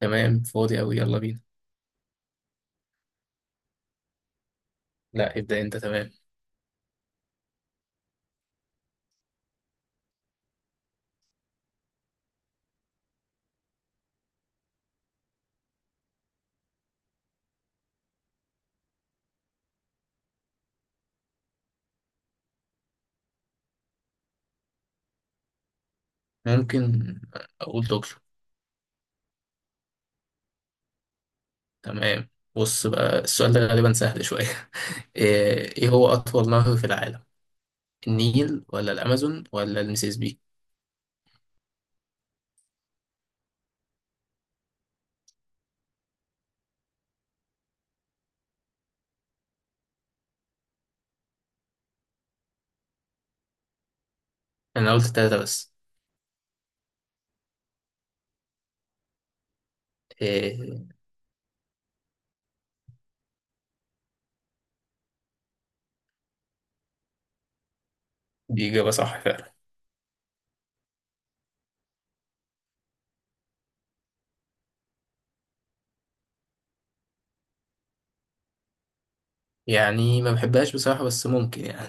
تمام. فاضي أوي، يلا بينا. لا، ابدأ أنت. تمام. ممكن أقول دكتور. تمام. بص بقى، السؤال ده غالبا سهل شوية. إيه هو أطول نهر في العالم؟ النيل ولا الأمازون ولا المسيسيبي؟ أنا قلت التلاتة بس. إيه. دي إجابة صح فعلا. يعني ما بحبهاش بصراحة، بس ممكن يعني.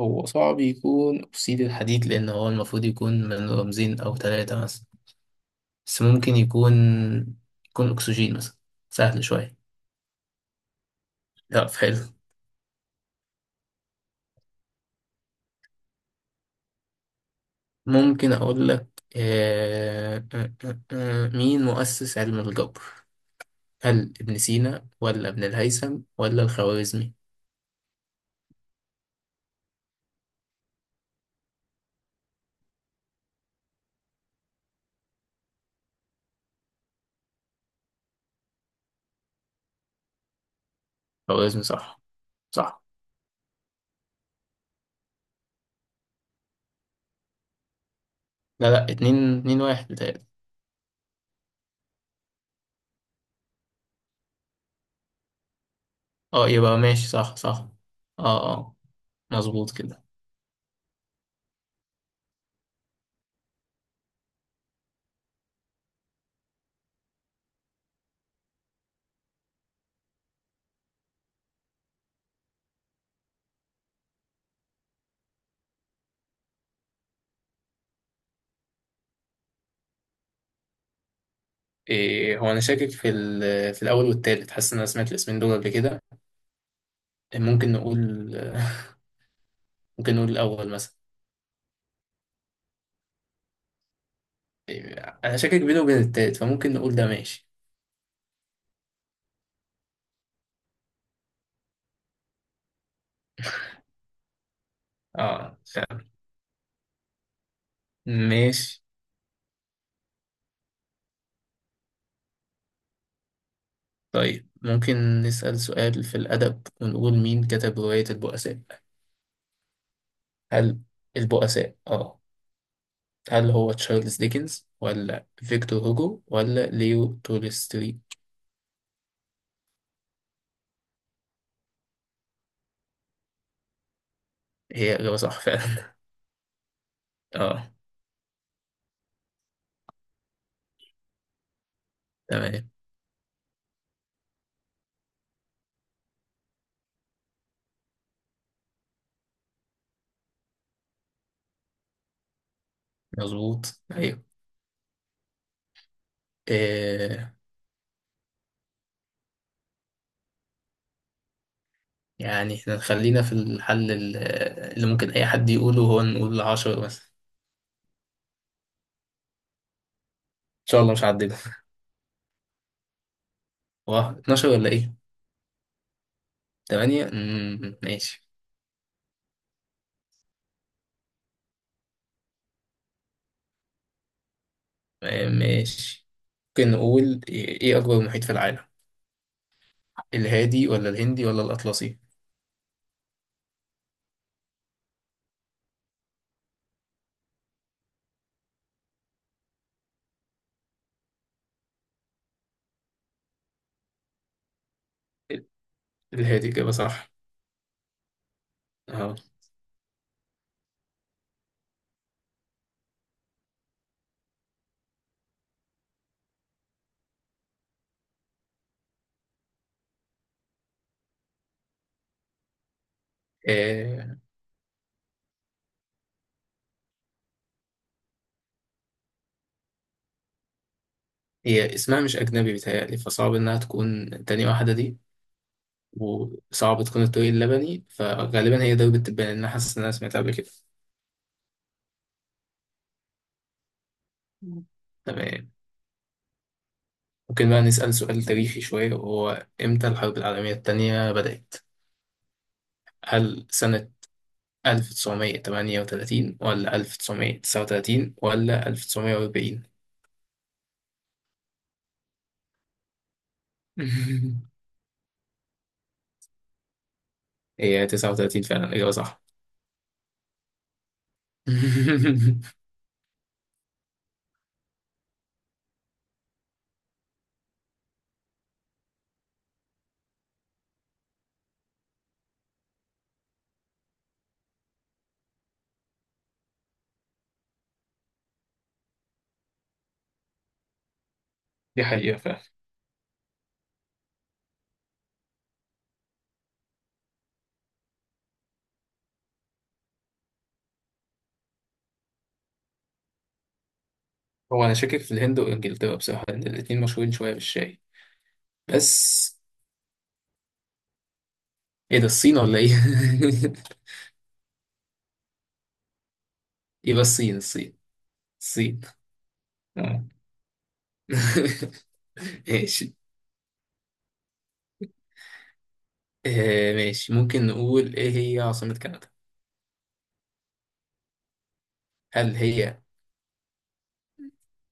هو صعب يكون أكسيد الحديد، لأن هو المفروض يكون من رمزين أو تلاتة مثلا. بس ممكن يكون أكسجين مثلا، سهل شوية. لا، حلو. ممكن أقول لك مين مؤسس علم الجبر؟ هل ابن سينا ولا ابن الهيثم ولا الخوارزمي؟ خوارزمي، صح. صح. لا، لا، اتنين اتنين واحد بتهيألي. اه، يبقى ماشي، صح، صح. اه، اه، مظبوط كده. إيه، هو أنا شاكك في الأول والتالت، حاسس إن أنا سمعت الاسمين دول قبل كده. ممكن نقول ممكن نقول الأول مثلا. إيه، أنا شاكك بينه وبين التالت، فممكن نقول ده. ماشي. اه، ماشي. طيب، ممكن نسأل سؤال في الأدب ونقول: مين كتب رواية البؤساء؟ هل البؤساء، اه. هل هو تشارلز ديكنز ولا فيكتور هوجو ولا ليو تولستوي؟ هي إجابة صح فعلا. اه، تمام، مظبوط، أيوه. آه يعني احنا خلينا في الحل اللي ممكن أي حد يقوله، هو نقول عشرة مثلا. إن شاء الله مش هعدلها. واه، 12 ولا إيه؟ 8. ماشي. ماشي، ممكن نقول: إيه أكبر محيط في العالم؟ الهادي ولا الهندي ولا الأطلسي؟ الهادي إجابة صح. أهو. آه، هي اسمها مش أجنبي بيتهيألي، فصعب إنها تكون تاني واحدة دي، وصعب تكون الطريق اللبني، فغالبا هي دوبة التبان، لأن أنا حاسس إن أنا سمعتها قبل كده. مم. تمام. ممكن بقى نسأل سؤال تاريخي شوية، وهو إمتى الحرب العالمية التانية بدأت؟ هل سنة 1938 ولا 1939 ولا 1940؟ هي 39 فعلا إجابة صح. دي حقيقة فعلا. هو أنا شاكك في الهند وإنجلترا بصراحة، لأن الاتنين مشهورين شوية بالشاي. بس إيه ده، الصين ولا إيه؟ يبقى الصين، الصين. الصين. آه. ماشي. آه، ماشي، ممكن نقول: إيه هي عاصمة كندا؟ هل هي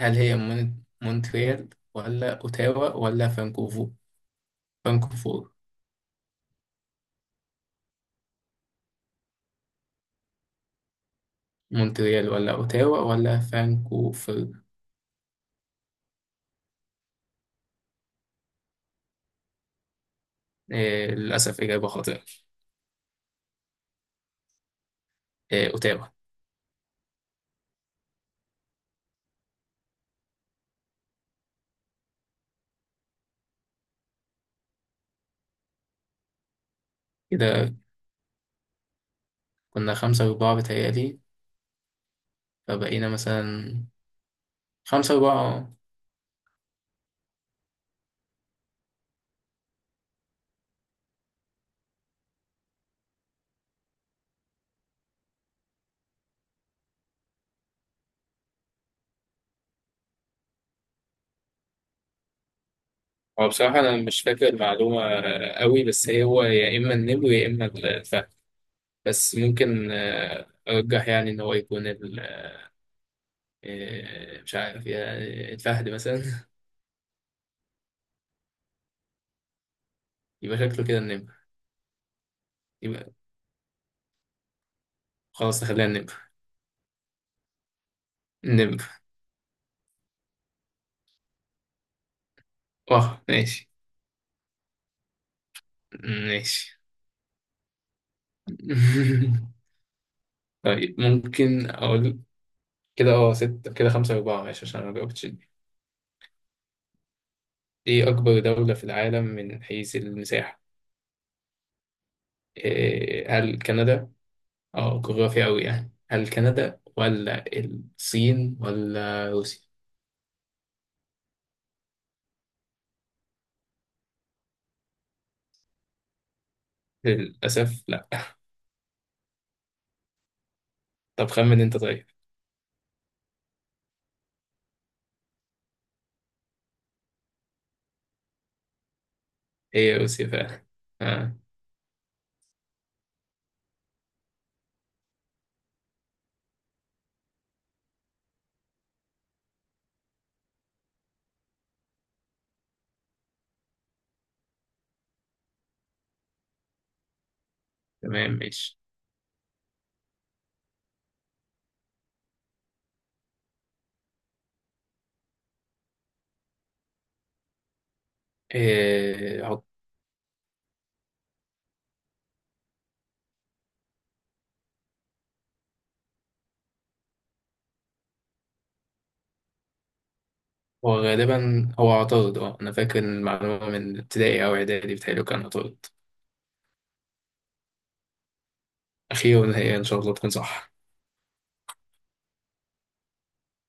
هل هي مونتريال ولا أوتاوا ولا فانكوفور؟ فانكوفور. مونتريال ولا أوتاوا ولا فانكوفر؟ آه، للأسف إجابة خاطئة. آه، أوتاوا. كده كنا خمسة أربعة بتهيألي. فبقينا مثلا خمسة أربعة، اه. هو بصراحة أنا مش فاكر المعلومة قوي، بس هي هو يا إما النمر يا إما الفهد. بس ممكن أرجح يعني إن هو يكون مش عارف يعني، الفهد مثلا. يبقى شكله كده النمر. يبقى خلاص، نخليها النمر. النمر. أه، ماشي. ماشي. طيب، ممكن أقول. كده ستة، كده خمسة أربعة، ماشي، عشان أنا مجاوبتش دي. إيه أكبر دولة في العالم من حيث المساحة؟ هل كندا. اه، جغرافيا أوي يعني، هل كندا ولا الصين ولا روسيا؟ للأسف لأ. طب خمن أنت، طيب. هي روسيا فعلا. آه، تمام، ماشي. إيه عط- هو غالبا هو عطارد، أنا فاكر المعلومة من ابتدائي أو إعدادي بتهيألي، كان عطارد. أخيرا، هي إن شاء الله تكون صح.